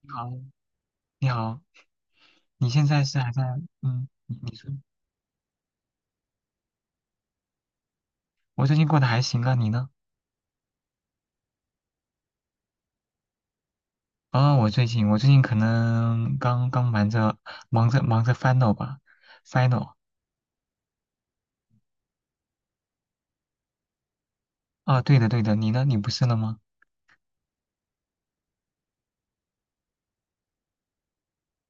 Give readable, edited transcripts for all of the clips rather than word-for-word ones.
你好，你好，你现在是还在？嗯，你说。我最近过得还行啊，你呢？我最近可能刚刚忙着忙着 final 吧，final。 啊，对的对的，你呢？你不是了吗？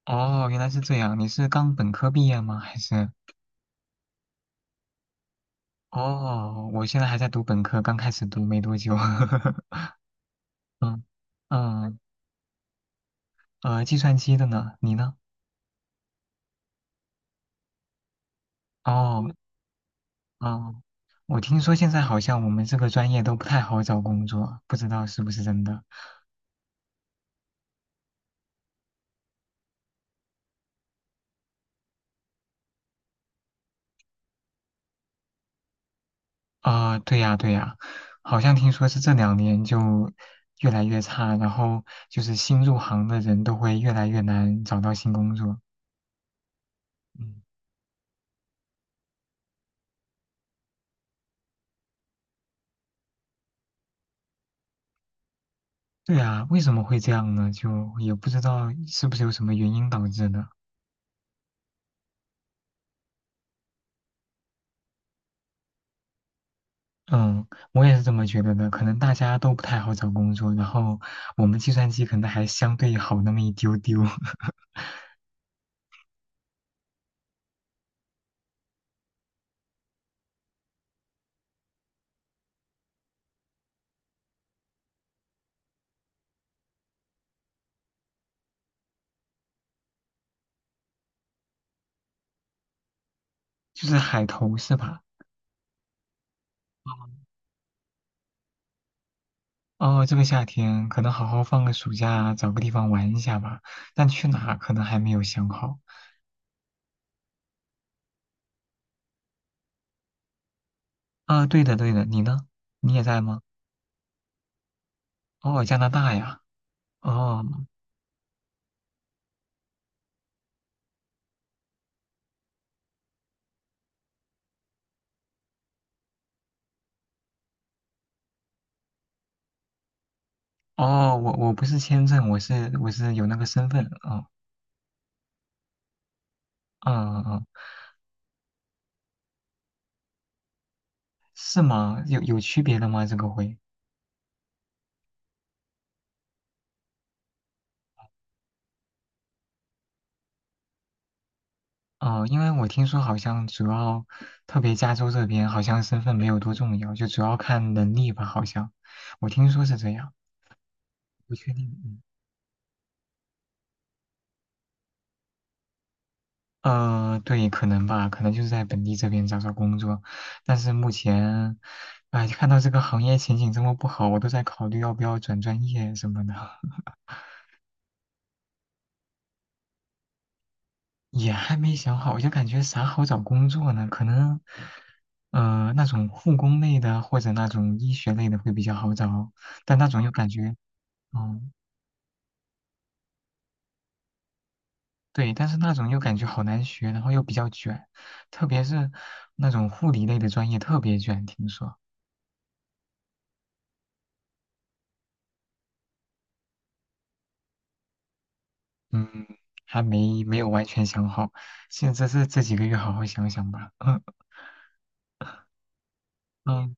哦，原来是这样，你是刚本科毕业吗？还是？哦，我现在还在读本科，刚开始读没多久。嗯嗯。计算机的呢？你呢？哦哦，我听说现在好像我们这个专业都不太好找工作，不知道是不是真的。对呀，对呀，好像听说是这两年就越来越差，然后就是新入行的人都会越来越难找到新工作。嗯。对呀，为什么会这样呢？就也不知道是不是有什么原因导致的。嗯，我也是这么觉得的。可能大家都不太好找工作，然后我们计算机可能还相对好那么一丢丢。就是海投是吧？哦，这个夏天可能好好放个暑假，找个地方玩一下吧。但去哪儿可能还没有想好。啊，对的对的，你呢？你也在吗？哦，加拿大呀。哦哦，我不是签证，我是有那个身份。哦，嗯嗯嗯。是吗？有区别的吗？这个会？哦，因为我听说好像主要，特别加州这边好像身份没有多重要，就主要看能力吧，好像。我听说是这样。不确定。嗯。对，可能吧，可能就是在本地这边找找工作。但是目前，哎，看到这个行业前景这么不好，我都在考虑要不要转专业什么的。也还没想好，我就感觉啥好找工作呢？可能，呃，那种护工类的或者那种医学类的会比较好找，但那种又感觉，嗯，对，但是那种又感觉好难学，然后又比较卷，特别是那种护理类的专业特别卷，听说。嗯，还没有完全想好，现在这几个月好好想想吧。嗯嗯，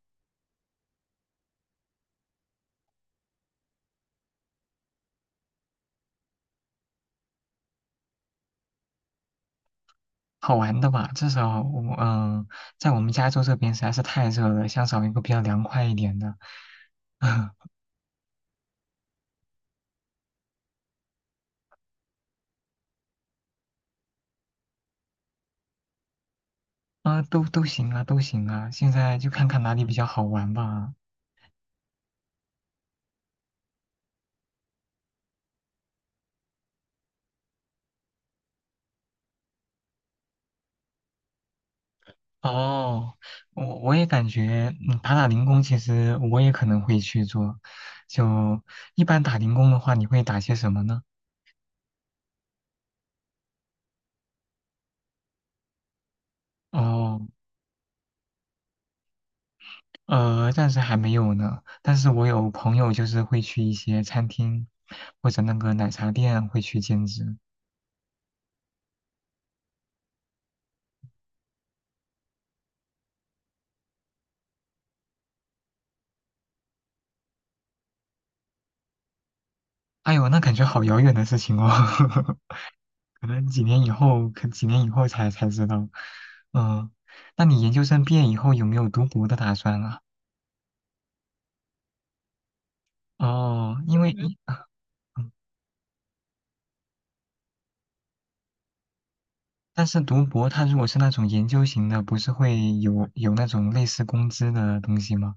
好玩的吧，至少我嗯，在我们加州这边实在是太热了，想找一个比较凉快一点的。啊。啊，都行啊，都行啊，现在就看看哪里比较好玩吧。哦，我也感觉，嗯，打打零工其实我也可能会去做。就一般打零工的话，你会打些什么呢？哦。呃，暂时还没有呢，但是我有朋友就是会去一些餐厅或者那个奶茶店会去兼职。哎呦，那感觉好遥远的事情哦。可能几年以后，几年以后才知道。嗯，那你研究生毕业以后有没有读博的打算啊？哦，因为嗯一，嗯但是读博它如果是那种研究型的，不是会有那种类似工资的东西吗？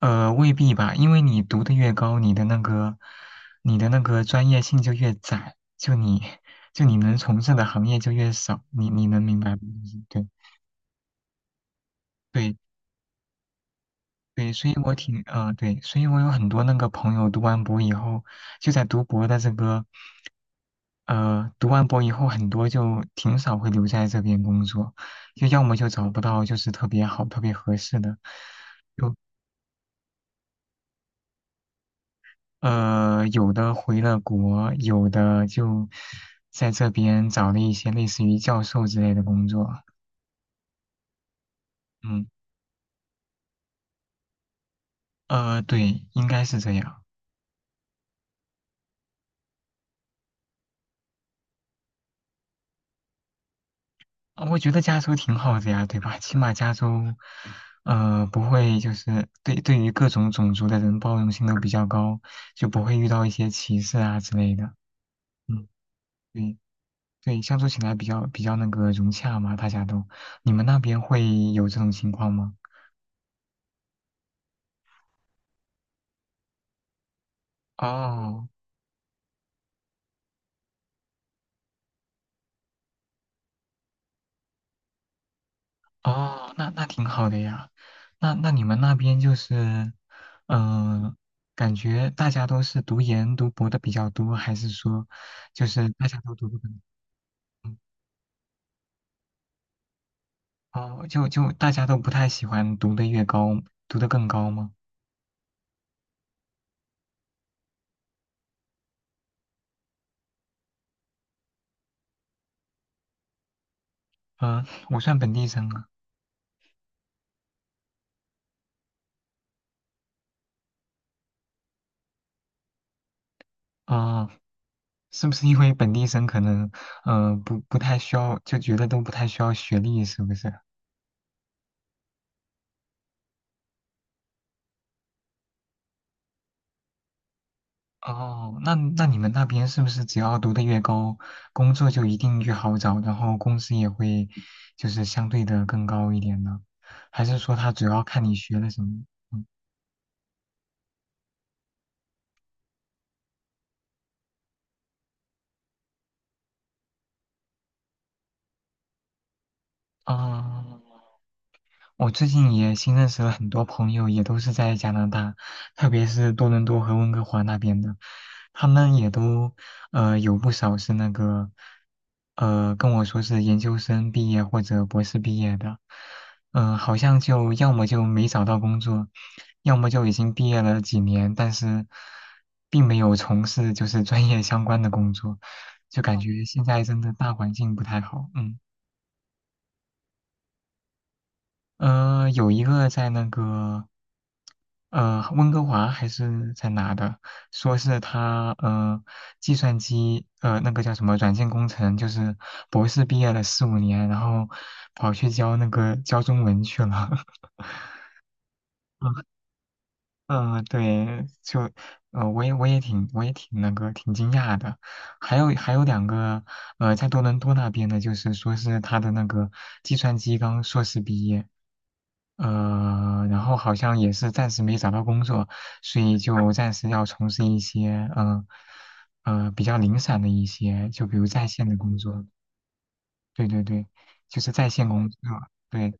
呃，未必吧，因为你读的越高，你的那个，你的那个专业性就越窄，就你，就你能从事的行业就越少，你你能明白吗？对对对，所以我挺呃对，所以我有很多那个朋友读完博以后，就在读博的这个，呃，读完博以后很多就挺少会留在这边工作，就要么就找不到就是特别好、特别合适的，就。呃，有的回了国，有的就在这边找了一些类似于教授之类的工作。嗯，呃，对，应该是这样。啊我觉得加州挺好的呀，对吧？起码加州，呃，不会就是对于各种种族的人包容性都比较高，就不会遇到一些歧视啊之类的。嗯，对对，相处起来比较那个融洽嘛，大家都。你们那边会有这种情况吗？哦。哦，那那挺好的呀。那你们那边就是，嗯、感觉大家都是读研读博的比较多，还是说，就是大家都读的很嗯。哦，就大家都不太喜欢读的越高，读的更高吗？嗯、我算本地生啊。哦，是不是因为本地生可能，嗯、不太需要，就觉得都不太需要学历，是不是？哦，那那你们那边是不是只要读得越高，工作就一定越好找，然后工资也会就是相对的更高一点呢？还是说他主要看你学的什么？嗯，啊。我最近也新认识了很多朋友，也都是在加拿大，特别是多伦多和温哥华那边的，他们也都呃有不少是那个呃跟我说是研究生毕业或者博士毕业的，嗯、好像就要么就没找到工作，要么就已经毕业了几年，但是并没有从事就是专业相关的工作，就感觉现在真的大环境不太好，嗯。呃，有一个在那个呃温哥华还是在哪的，说是他呃计算机呃那个叫什么软件工程，就是博士毕业了4、5年，然后跑去教那个教中文去了。嗯，对，就，呃，我也挺那个挺惊讶的，还有两个，呃，在多伦多那边的，就是说是他的那个计算机刚硕士毕业，呃，然后好像也是暂时没找到工作，所以就暂时要从事一些，嗯、呃，比较零散的一些，就比如在线的工作，对对对，就是在线工作，对，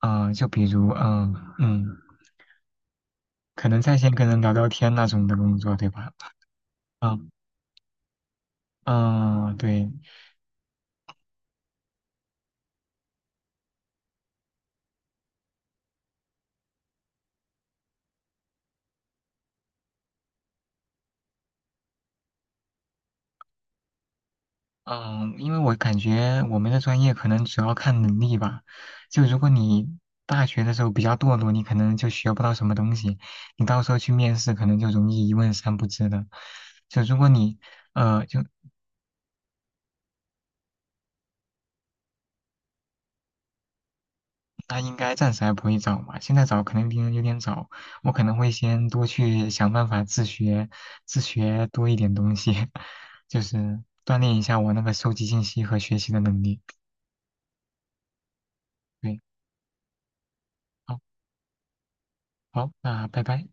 呃，就比如，嗯、嗯，可能在线跟人聊聊天那种的工作，对吧？嗯嗯，对，嗯，因为我感觉我们的专业可能主要看能力吧。就如果你大学的时候比较堕落，你可能就学不到什么东西，你到时候去面试可能就容易一问三不知的。就如果你呃，就那应该暂时还不会找嘛，现在找可能别人有点早，我可能会先多去想办法自学，自学多一点东西。就是锻炼一下我那个收集信息和学习的能力。对，好，好，那拜拜。